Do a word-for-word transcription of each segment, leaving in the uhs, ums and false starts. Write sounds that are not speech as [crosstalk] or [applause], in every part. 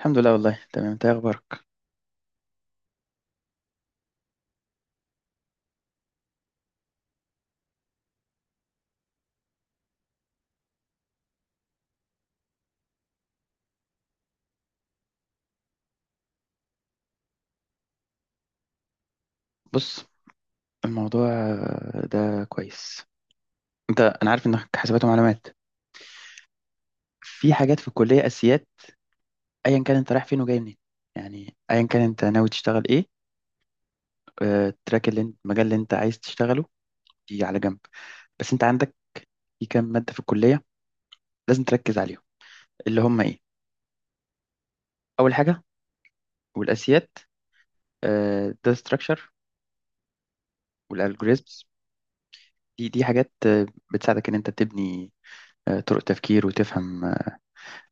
الحمد لله، والله تمام. انت ايه اخبارك؟ بص، الموضوع آه، ده كويس. انت انا عارف انك حسابات ومعلومات. في حاجات في الكليه اساسيات، ايا كان انت رايح فين وجاي منين، يعني ايا كان انت ناوي تشتغل ايه. آه، التراك اللي انت، المجال اللي انت عايز تشتغله، دي على جنب. بس انت عندك في كام ماده في الكليه لازم تركز عليهم، اللي هم ايه؟ اول حاجه والاساسيات، ده ستراكشر والالجوريزمز. دي دي حاجات آه، بتساعدك ان انت تبني آه، طرق تفكير، وتفهم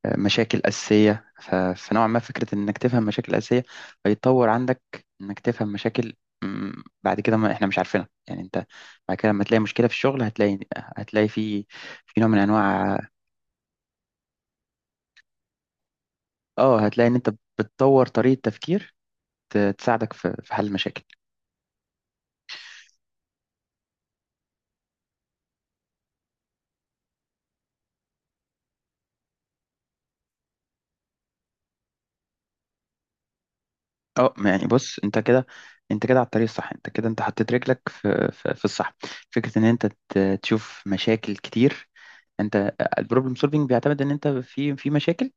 مشاكل أساسية. ف- فنوعا ما فكرة إنك تفهم مشاكل أساسية هيتطور عندك، إنك تفهم مشاكل. مم، بعد كده ما إحنا مش عارفينها، يعني أنت بعد كده لما تلاقي مشكلة في الشغل هتلاقي هتلاقي في في نوع من أنواع، آه هتلاقي إن أنت بتطور طريقة تفكير ت- تساعدك في في حل المشاكل. آه ما يعني بص، أنت كده، أنت كده على الطريق الصح، أنت كده أنت حطيت رجلك في في, في الصح. فكرة إن أنت ت- تشوف مشاكل كتير. أنت البروبلم سولفينج بيعتمد إن أنت في في مشاكل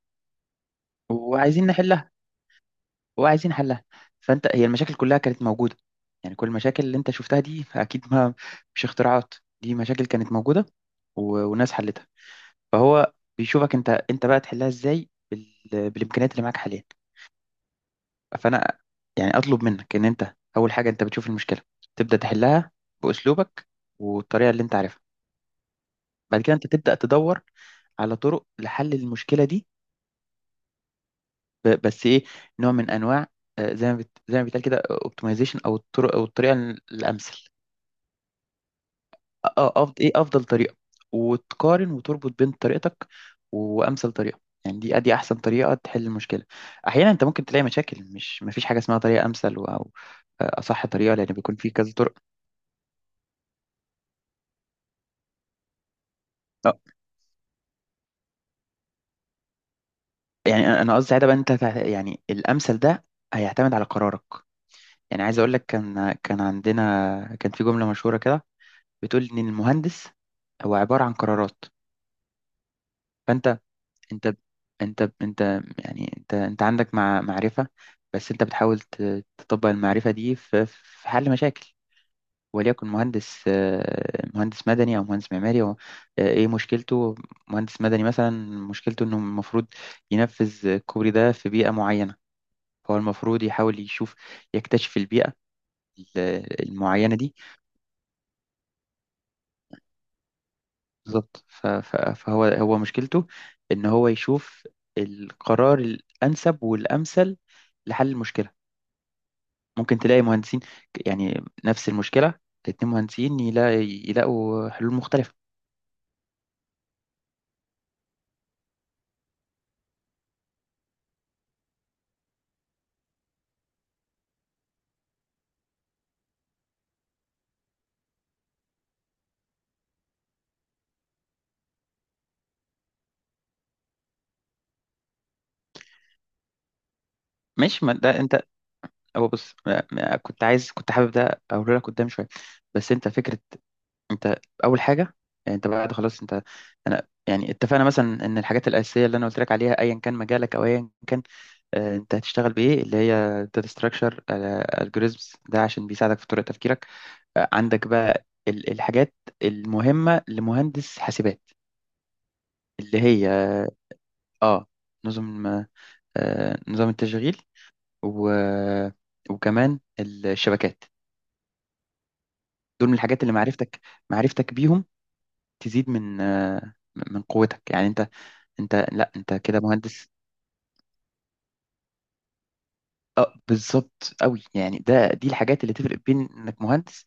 وعايزين نحلها، وعايزين حلها. فانت هي المشاكل كلها كانت موجوده، يعني كل المشاكل اللي انت شفتها دي اكيد، ما مش اختراعات، دي مشاكل كانت موجوده و... وناس حلتها. فهو بيشوفك انت انت بقى تحلها ازاي بال... بالامكانيات اللي معاك حاليا. فانا يعني اطلب منك ان انت اول حاجه انت بتشوف المشكله تبدا تحلها باسلوبك والطريقه اللي انت عارفها. بعد كده انت تبدا تدور على طرق لحل المشكله دي، ب- بس ايه، نوع من انواع، آه، زي ما بت... زي ما بيتقال كده، اوبتمايزيشن، او الطرق او الطريقه الامثل. افضل ايه؟ افضل طريقه. وتقارن وتربط بين طريقتك وامثل طريقه، يعني دي ادي احسن طريقه تحل المشكله. احيانا انت ممكن تلاقي مشاكل مش، مفيش حاجه اسمها طريقه امثل و- او اصح طريقه، لان بيكون في كذا طرق. آه، يعني انا أنا قصدي ساعتها بقى انت تع- يعني الامثل ده هيعتمد على قرارك. يعني عايز اقول لك، كان كان عندنا، كان في جمله مشهوره كده بتقول ان المهندس هو عباره عن قرارات. فانت، انت انت انت يعني انت انت عندك مع معرفة، بس انت بتحاول ت- تطبق المعرفة دي في في حل مشاكل. وليكن مهندس، آه، مهندس مدني او مهندس معماري، هو آه، ايه مشكلته؟ مهندس مدني مثلا، مشكلته انه المفروض ينفذ الكوبري ده في بيئة معينة. هو المفروض يحاول يشوف، يكتشف البيئة ال- المعينة دي. بالظبط، ف- ف- فهو هو مشكلته ان هو يشوف القرار الانسب والامثل لحل المشكلة. ممكن تلاقي مهندسين، ك- يعني نفس المشكلة، الاتنين مهندسين يلاقي يلاقوا حلول مختلفة. ماشي، ما ده انت، هو بص، ما- ما- كنت عايز، كنت حابب ده اقول لك قدام شوية. بس انت فكرة، انت اول حاجة، يعني انت بعد خلاص، انت، انا يعني اتفقنا مثلا ان الحاجات الاساسيه اللي انا قلت لك عليها، ايا كان مجالك او ايا كان آه، انت هتشتغل بايه، اللي هي داتا ستراكشر الجوريزمز، ده عشان بيساعدك في طريقه تفكيرك. آه، عندك بقى ال- الحاجات المهمه لمهندس حاسبات، اللي هي، اه، نظم، آه نظام التشغيل و... وكمان الشبكات. دول من الحاجات اللي معرفتك معرفتك بيهم تزيد من آه من قوتك. يعني انت، انت لا انت كده مهندس. اه بالظبط قوي، يعني ده دي الحاجات اللي تفرق بين انك مهندس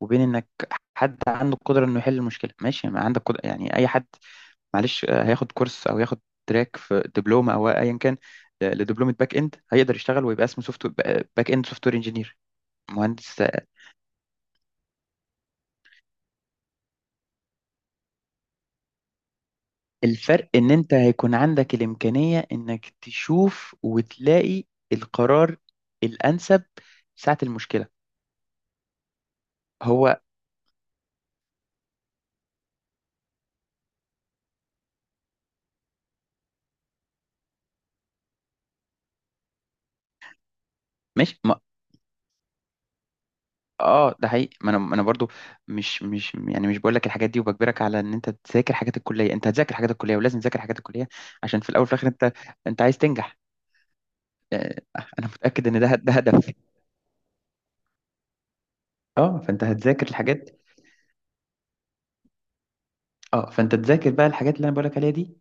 وبين انك حد عنده القدره انه يحل المشكله. ماشي، ما عندك قدرة، يعني اي حد معلش آه، هياخد كورس او ياخد تراك في دبلومه او ايا كان، آه، لدبلومه باك اند، هيقدر يشتغل ويبقى اسمه سوفت باك اند سوفت وير انجينير. مهندس، الفرق ان انت هيكون عندك الامكانية انك تشوف وتلاقي القرار الانسب ساعة المشكلة. هو، مش ما اه ده حقيقي. ما انا ما انا برضو، مش مش يعني مش بقول لك الحاجات دي وبجبرك على ان انت تذاكر حاجات الكليه. انت هتذاكر حاجات الكليه، ولازم تذاكر حاجات الكليه، عشان في الاول وفي الاخر انت، انت عايز تنجح. آه، انا متاكد ان ده ده هدف. اه، فانت هتذاكر الحاجات، اه فانت تذاكر بقى الحاجات اللي انا بقولك عليها دي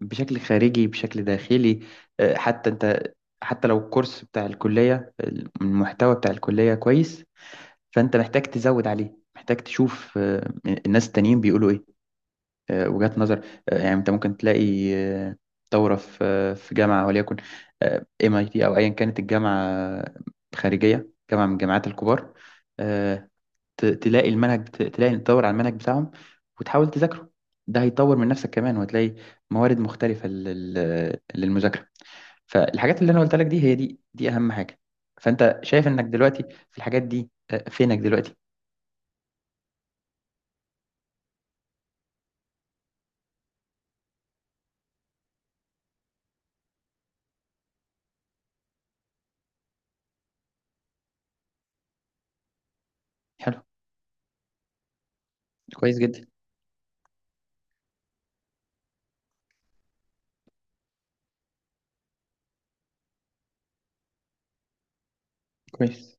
بشكل خارجي بشكل داخلي. آه، حتى انت، حتى لو الكورس بتاع الكلية، المحتوى بتاع الكلية كويس، فانت محتاج تزود عليه، محتاج تشوف آه، الناس التانيين بيقولوا ايه، آه، وجهات نظر. آه، يعني انت ممكن تلاقي آه، دورة في آه، في جامعة، وليكن ام اي تي، او ايا كانت الجامعة، آه، خارجية، جامعة من الجامعات الكبار، آه، ت- تلاقي المنهج، بت- تلاقي تدور على المنهج بتاعهم وتحاول تذاكره. ده هيطور من نفسك كمان، وهتلاقي موارد مختلفة لل- للمذاكرة. فالحاجات اللي انا قلت لك دي هي دي دي اهم حاجة. فانت شايف انك دلوقتي في الحاجات دي آه، فينك دلوقتي؟ حلو، كويس جدا، كويس،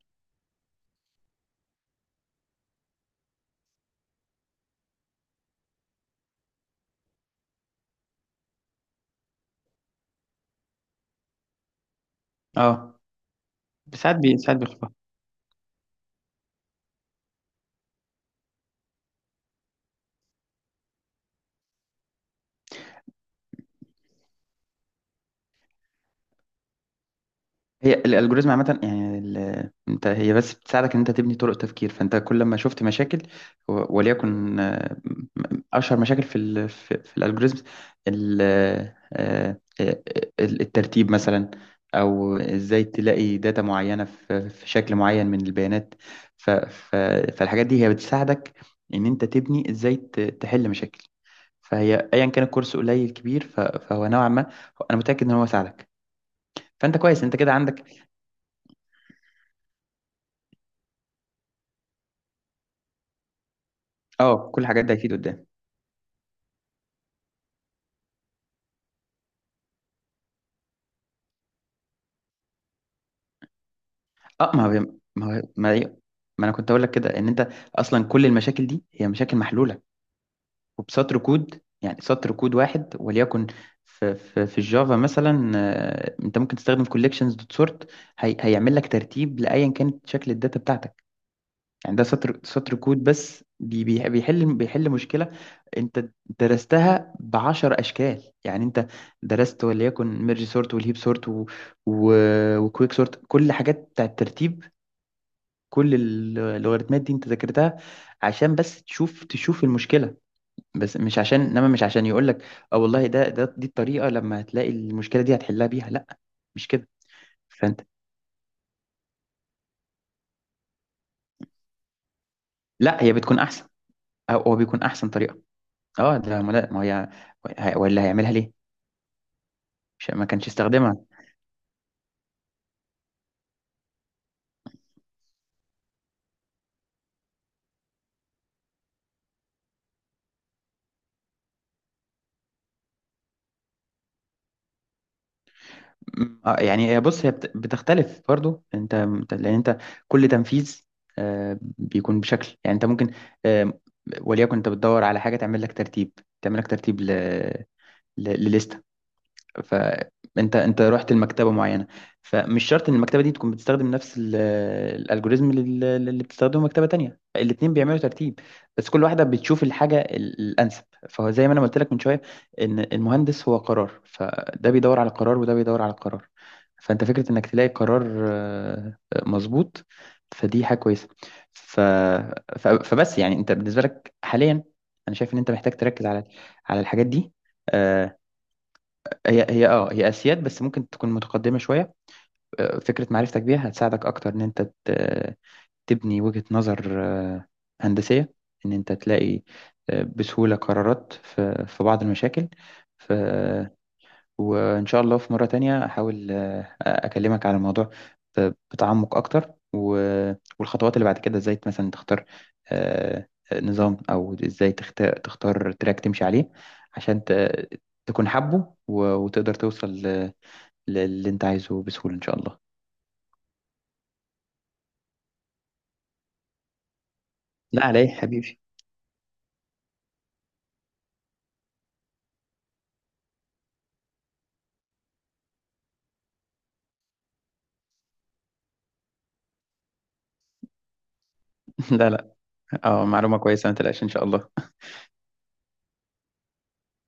اه. ساعات بي ساعات بيخلص. هي الالجوريزم عامه، يعني ال- انت هي بس بتساعدك ان انت تبني طرق تفكير. فانت كل ما شفت مشاكل، و- وليكن آه، م- اشهر مشاكل في ال في, في الالجوريزم، ال- آه، آه، آه، ال- الترتيب مثلا، او ازاي تلاقي داتا معينه في في شكل معين من البيانات. ف- ف- فالحاجات دي هي بتساعدك ان انت تبني ازاي ت- تحل مشاكل. فهي ايا كان الكورس قليل كبير، ف- فهو نوعا ما، انا متاكد ان هو ساعدك. فانت كويس، انت كده عندك، اه، كل الحاجات دي اكيد قدام. اه ما هو، ما هو ما, هي- ما انا كنت اقول لك كده ان انت اصلا كل المشاكل دي هي مشاكل محلوله، وبسطر كود. يعني سطر كود واحد وليكن في في, في الجافا مثلا، آه، انت ممكن تستخدم collections.sort، هي هيعمل لك ترتيب لايا كانت شكل الداتا بتاعتك. يعني ده سطر سطر كود بس بي- بي- بيحل بيحل مشكلة انت درستها بعشر اشكال. يعني انت درست وليكن ميرج سورت والهيب سورت و... و... وكويك سورت، كل حاجات بتاع الترتيب، كل ال- اللوغاريتمات دي انت ذاكرتها عشان بس تشوف تشوف المشكلة، بس مش عشان، انما مش عشان يقول لك اه والله ده ده دي الطريقة، لما هتلاقي المشكلة دي هتحلها بيها، لا، مش كده. فانت، لا، هي بتكون احسن، او هو بيكون احسن طريقة، اه. ده ما لا- ما هي ولا هيعملها ليه؟ مش ما كانش يستخدمها. م- آه، يعني هي، بص، هي بت- بتختلف برضو. انت، أنت- لان انت كل تنفيذ آه، بيكون بشكل، يعني انت ممكن، آه، وليكن انت بتدور على حاجه تعمل لك ترتيب، تعمل لك ترتيب ل فانت، انت رحت لمكتبه معينه، فمش شرط ان المكتبه دي تكون بتستخدم نفس ال- الالجوريزم لل- اللي بتستخدمه مكتبه تانية، فالاتنين بيعملوا ترتيب، بس كل واحده بتشوف الحاجه ال- الانسب. فهو زي ما انا قلت لك من شويه، ان المهندس هو قرار، فده بيدور على قرار وده بيدور على قرار. فانت فكره انك تلاقي قرار آه، مظبوط، فدي حاجه كويسه. ف... ف... فبس يعني انت بالنسبه لك حاليا، انا شايف ان انت محتاج تركز على على الحاجات دي. آه، هي هي اه هي اسياد، بس ممكن تكون متقدمه شويه. آه، فكره معرفتك بيها هتساعدك اكتر ان انت ت- تبني وجهه نظر آه، هندسيه، ان انت تلاقي آه، بسهوله قرارات في في بعض المشاكل. ف وان شاء الله في مره تانية احاول آه، اكلمك على الموضوع ب- بتعمق اكتر و- والخطوات اللي بعد كده، ازاي مثلا تختار آه، نظام، او ازاي تختار، تختار تراك تمشي عليه عشان ت- تكون حابه و- وتقدر توصل اللي انت عايزه بسهولة ان شاء الله. لا على ايه حبيبي. [laughs] لا لا، اه، معلومة كويسة، ما تقلقش ان شاء الله.